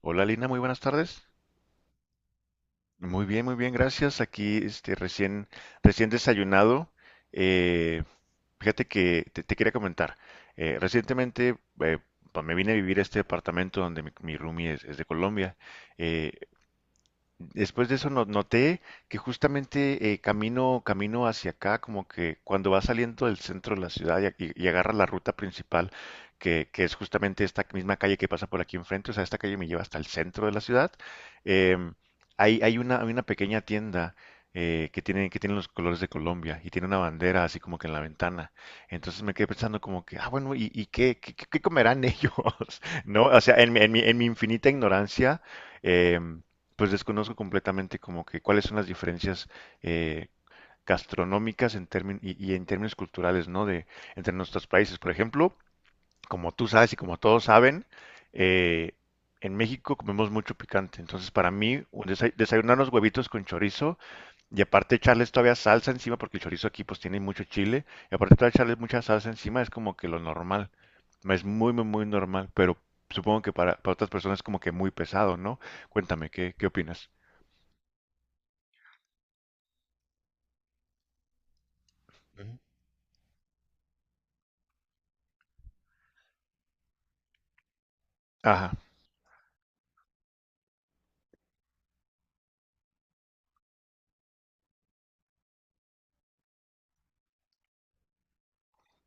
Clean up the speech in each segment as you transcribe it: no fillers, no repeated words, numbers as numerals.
Hola Lina, muy buenas tardes. Muy bien, gracias. Aquí recién, recién desayunado. Eh, Fíjate que te quería comentar. Recientemente eh, me vine a vivir a este departamento donde mi roomie es de Colombia. Eh, Después de eso noté que justamente camino, camino hacia acá, como que cuando vas saliendo del centro de la ciudad y agarras la ruta principal, que es justamente esta misma calle que pasa por aquí enfrente. O sea, esta calle me lleva hasta el centro de la ciudad. em, Hay una pequeña tienda que tiene los colores de Colombia y tiene una bandera así como que en la ventana. Entonces me quedé pensando como que, ah, bueno, ¿Y qué comerán ellos? ¿No? O sea, en mi infinita ignorancia. em, pues desconozco completamente como que cuáles son las diferencias eh, gastronómicas y en términos culturales, ¿no? De entre nuestros países. Por ejemplo, como tú sabes y como todos saben, eh, en México comemos mucho picante. Entonces, para mí, un desayunar unos huevitos con chorizo y aparte echarles todavía salsa encima, porque el chorizo aquí pues tiene mucho chile, y aparte todavía echarles mucha salsa encima es como que lo normal. Es muy, muy, muy normal, pero supongo que para otras personas es como que muy pesado, ¿no? Cuéntame, ¿ qué opinas? Ajá.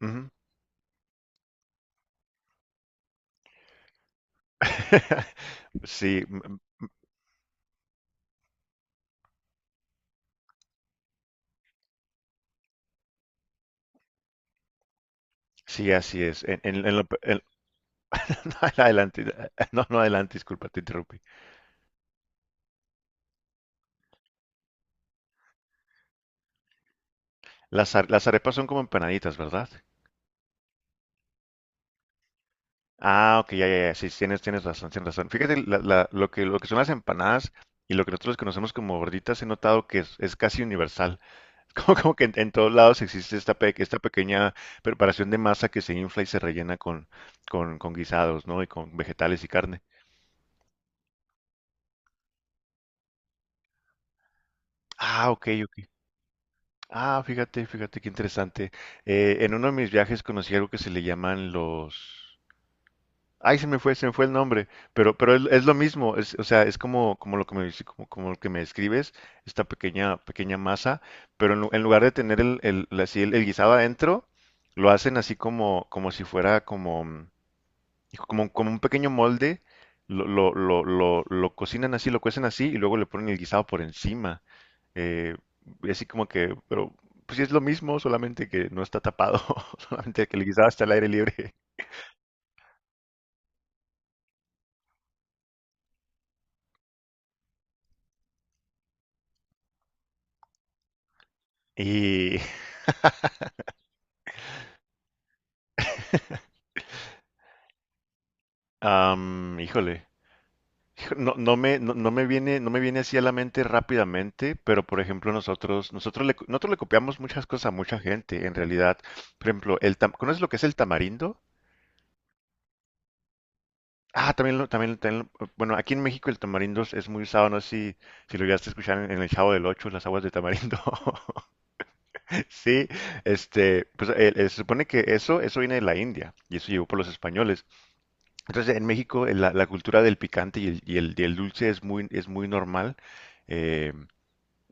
Ujú. Sí, mm, sí, así es. En lo pe- en- No, adelante, no, no, adelante, disculpa, te interrumpí. Las arepas son como empanaditas, ¿verdad? Ah, ok, ya, ya, ya, sí, tienes, tienes razón, tienes razón. Fíjate, lo que son las empanadas y lo que nosotros conocemos como gorditas, he notado que es casi universal. Como, como que en todos lados existe esta pequeña preparación de masa que se infla y se rellena con guisados, ¿no? Y con vegetales y carne. Ah, ok, ok. Ah, fíjate, fíjate qué interesante. En uno de mis viajes conocí algo que se le llaman los... Ay, se me fue el nombre, pero es lo mismo. Es, o sea, es como, como lo que me, dice- como, como lo que me describes, esta pequeña, pequeña masa, pero en lugar de tener así el guisado adentro, lo hacen así como, como si fuera como, y como, como un pequeño molde, lo cocinan así, lo cuecen así y luego le ponen el guisado por encima. Eh, y así como que, pero pues sí es lo mismo, solamente que no está tapado, solamente que el guisado está al aire libre. Y, híjole, no me viene, no me viene así a la mente rápidamente, pero por ejemplo nosotros le copiamos muchas cosas a mucha gente, en realidad. Por ejemplo, ¿conoces lo que es el tamarindo? Ah, también lo, también, bueno, aquí en México el tamarindo es muy usado, no sé si, si lo llegaste a escuchar en el Chavo del Ocho, las aguas de tamarindo. Sí, este, pues se supone que eso viene de la India y eso llegó por los españoles. Entonces en México la cultura del picante y el dulce es muy normal. eh,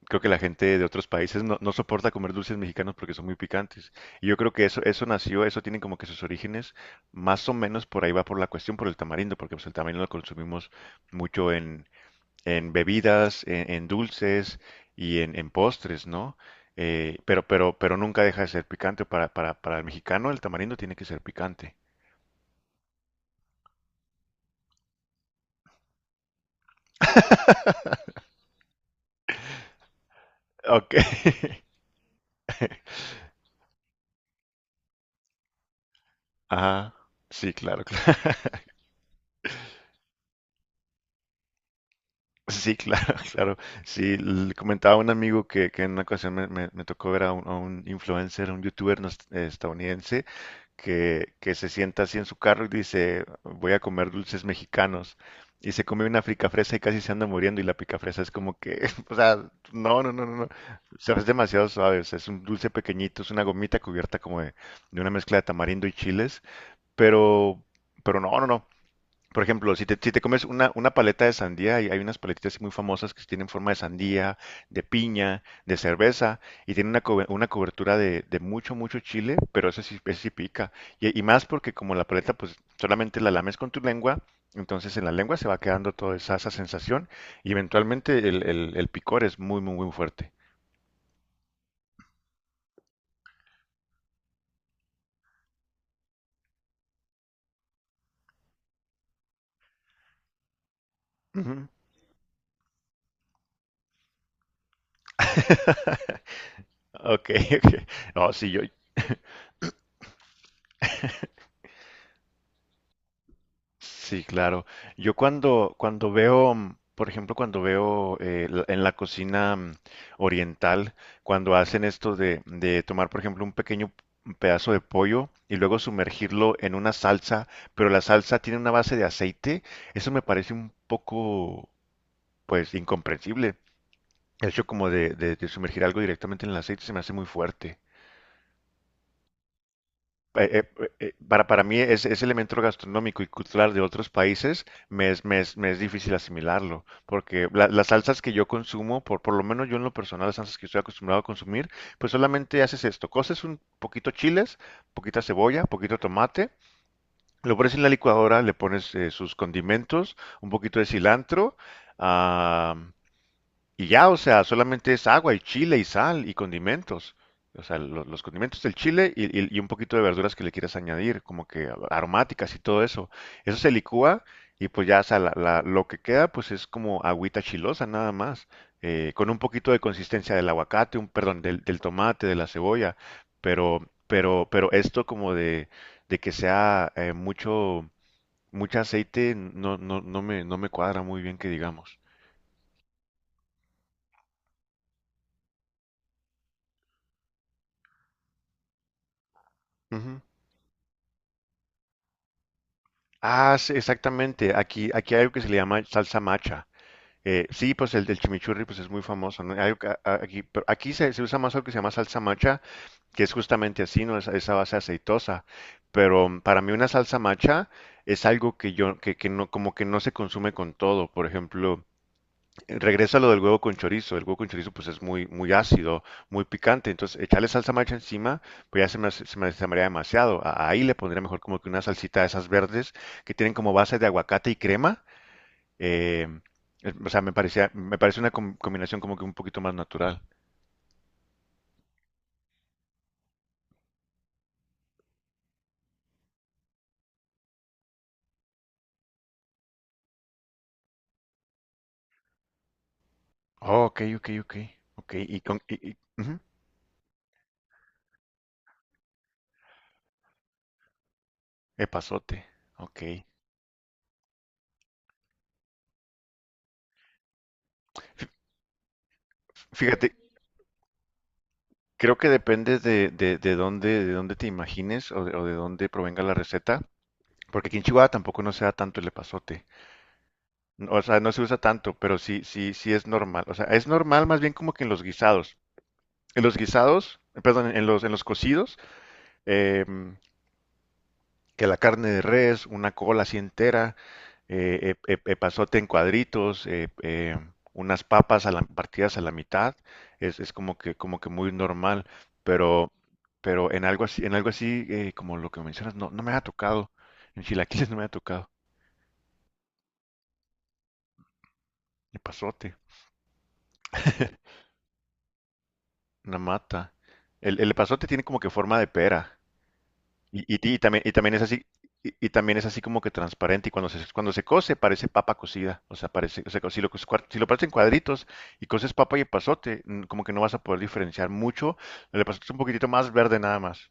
Creo que la gente de otros países no, no soporta comer dulces mexicanos porque son muy picantes. Y yo creo que eso nació, eso tiene como que sus orígenes, más o menos por ahí va por la cuestión, por el tamarindo, porque pues, el tamarindo lo consumimos mucho en bebidas, en dulces y en postres, ¿no? Pero pero nunca deja de ser picante. Para el mexicano el tamarindo tiene que ser picante. Ok. Ajá. Sí, claro, claro. Sí, claro, claro. Sí, comentaba a un amigo que en una ocasión me tocó ver a a un influencer, un youtuber estadounidense, que se sienta así en su carro y dice, voy a comer dulces mexicanos. Y se come una picafresa y casi se anda muriendo. Y la picafresa es como que, o sea, no, no, no, no, no. O sea, es demasiado suave. O sea, es un dulce pequeñito, es una gomita cubierta como de una mezcla de tamarindo y chiles. Pero, pero no, no, no. Por ejemplo, si te comes una paleta de sandía, hay unas paletitas así muy famosas que tienen forma de sandía, de piña, de cerveza, y tienen una cobertura de mucho, mucho chile, pero ese sí pica. Y más porque como la paleta, pues solamente la lames con tu lengua, entonces en la lengua se va quedando toda esa, esa sensación, y eventualmente el picor es muy, muy, muy fuerte. Ujú. Ok, ok. No, sí, yo, sí, claro. Yo cuando, cuando veo, mm, por ejemplo, cuando veo en la cocina oriental, cuando hacen esto de tomar, por ejemplo, un pequeño pedazo de pollo y luego sumergirlo en una salsa, pero la salsa tiene una base de aceite, eso me parece un poco, pues, incomprensible. El hecho como de sumergir algo directamente en el aceite se me hace muy fuerte. Para mí es ese elemento gastronómico y cultural de otros países me es, me es, me es difícil asimilarlo, porque las salsas que yo consumo, por lo menos yo en lo personal, las salsas que estoy acostumbrado a consumir, pues solamente haces esto, coces un poquito chiles, poquita cebolla, poquito tomate, lo pones en la licuadora, le pones sus condimentos, un poquito de cilantro, ah, y ya, o sea, solamente es agua y chile y sal y condimentos. O sea, los condimentos del chile y un poquito de verduras que le quieras añadir, como que aromáticas y todo eso. Eso se licúa y pues ya. O sea, lo que queda pues es como agüita chilosa nada más, con un poquito de consistencia del aguacate, un, perdón, del tomate, de la cebolla, pero esto como de que sea mucho, mucho aceite no, no, no me cuadra muy bien que digamos. Ujú. Ah, sí, exactamente. Aquí, aquí hay algo que se le llama salsa macha. Sí, pues el del chimichurri pues es muy famoso, ¿no? Hay algo que- a- aquí, pero Aquí se usa más algo que se llama salsa macha, que es justamente así, ¿no? Esa base aceitosa. Pero mm, para mí una salsa macha es algo que que no, como que no se consume con todo. Por ejemplo, regresa lo del huevo con chorizo. El huevo con chorizo pues es muy, muy ácido, muy picante. Entonces echarle salsa macha encima pues ya se me, hace- se me haría demasiado. Ahí le pondría mejor como que una salsita de esas verdes que tienen como base de aguacate y crema. Eh, o sea, me parecía, me parece una combinación como que un poquito más natural. Oh, ok, ok, ok. Ok, y con... ujú, epazote. Ok. Fíjate, creo que depende de dónde te imagines o o de dónde provenga la receta, porque aquí en Chihuahua tampoco no se da tanto el epazote. No, o sea, no se usa tanto, pero sí, sí, sí es normal. O sea, es normal más bien como que en los guisados. En los guisados, perdón, en los cocidos, em, que la carne de res, una cola así entera, pasote en cuadritos, unas papas partidas a la mitad, es como que muy normal, pero, pero en algo así como lo que mencionas, no, no me ha tocado, en chilaquiles no me ha tocado, el pasote, una mata. El epazote tiene como que forma de pera, y también es así, y también es así como que transparente. Y cuando se cose, parece papa cocida. O sea, parece, o sea, si lo partes en cuadritos y coces papa y epazote, mm, como que no vas a poder diferenciar mucho. El epazote es un poquitito más verde nada más.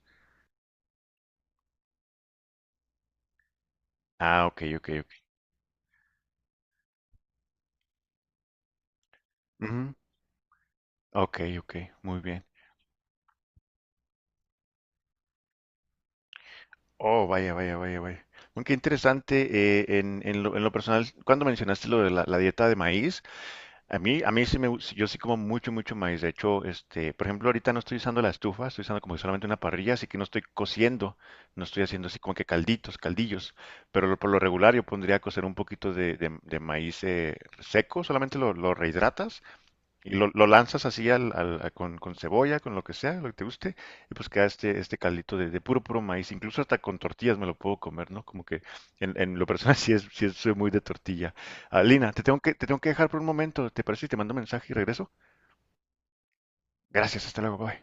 Ah, ok, ok, ok. Ujú, ok, ok, muy bien. Oh, vaya, vaya, vaya, vaya. Bueno, qué interesante. En lo, en lo personal, cuando mencionaste lo de la, la dieta de maíz, a mí, a mí sí yo sí como mucho, mucho maíz. De hecho, este, por ejemplo, ahorita no estoy usando la estufa, estoy usando como solamente una parrilla, así que no estoy cociendo, no estoy haciendo así como que calditos, caldillos. Pero por lo regular yo pondría a cocer un poquito de maíz seco, solamente lo rehidratas y lo lanzas así con cebolla, con lo que sea, lo que te guste, y pues queda este, este caldito de puro, puro maíz. Incluso hasta con tortillas me lo puedo comer, ¿no? Como que en lo personal sí, es, soy muy de tortilla. Ah, Lina, te tengo que dejar por un momento, ¿te parece si te mando un mensaje y regreso? Gracias, hasta luego, bye.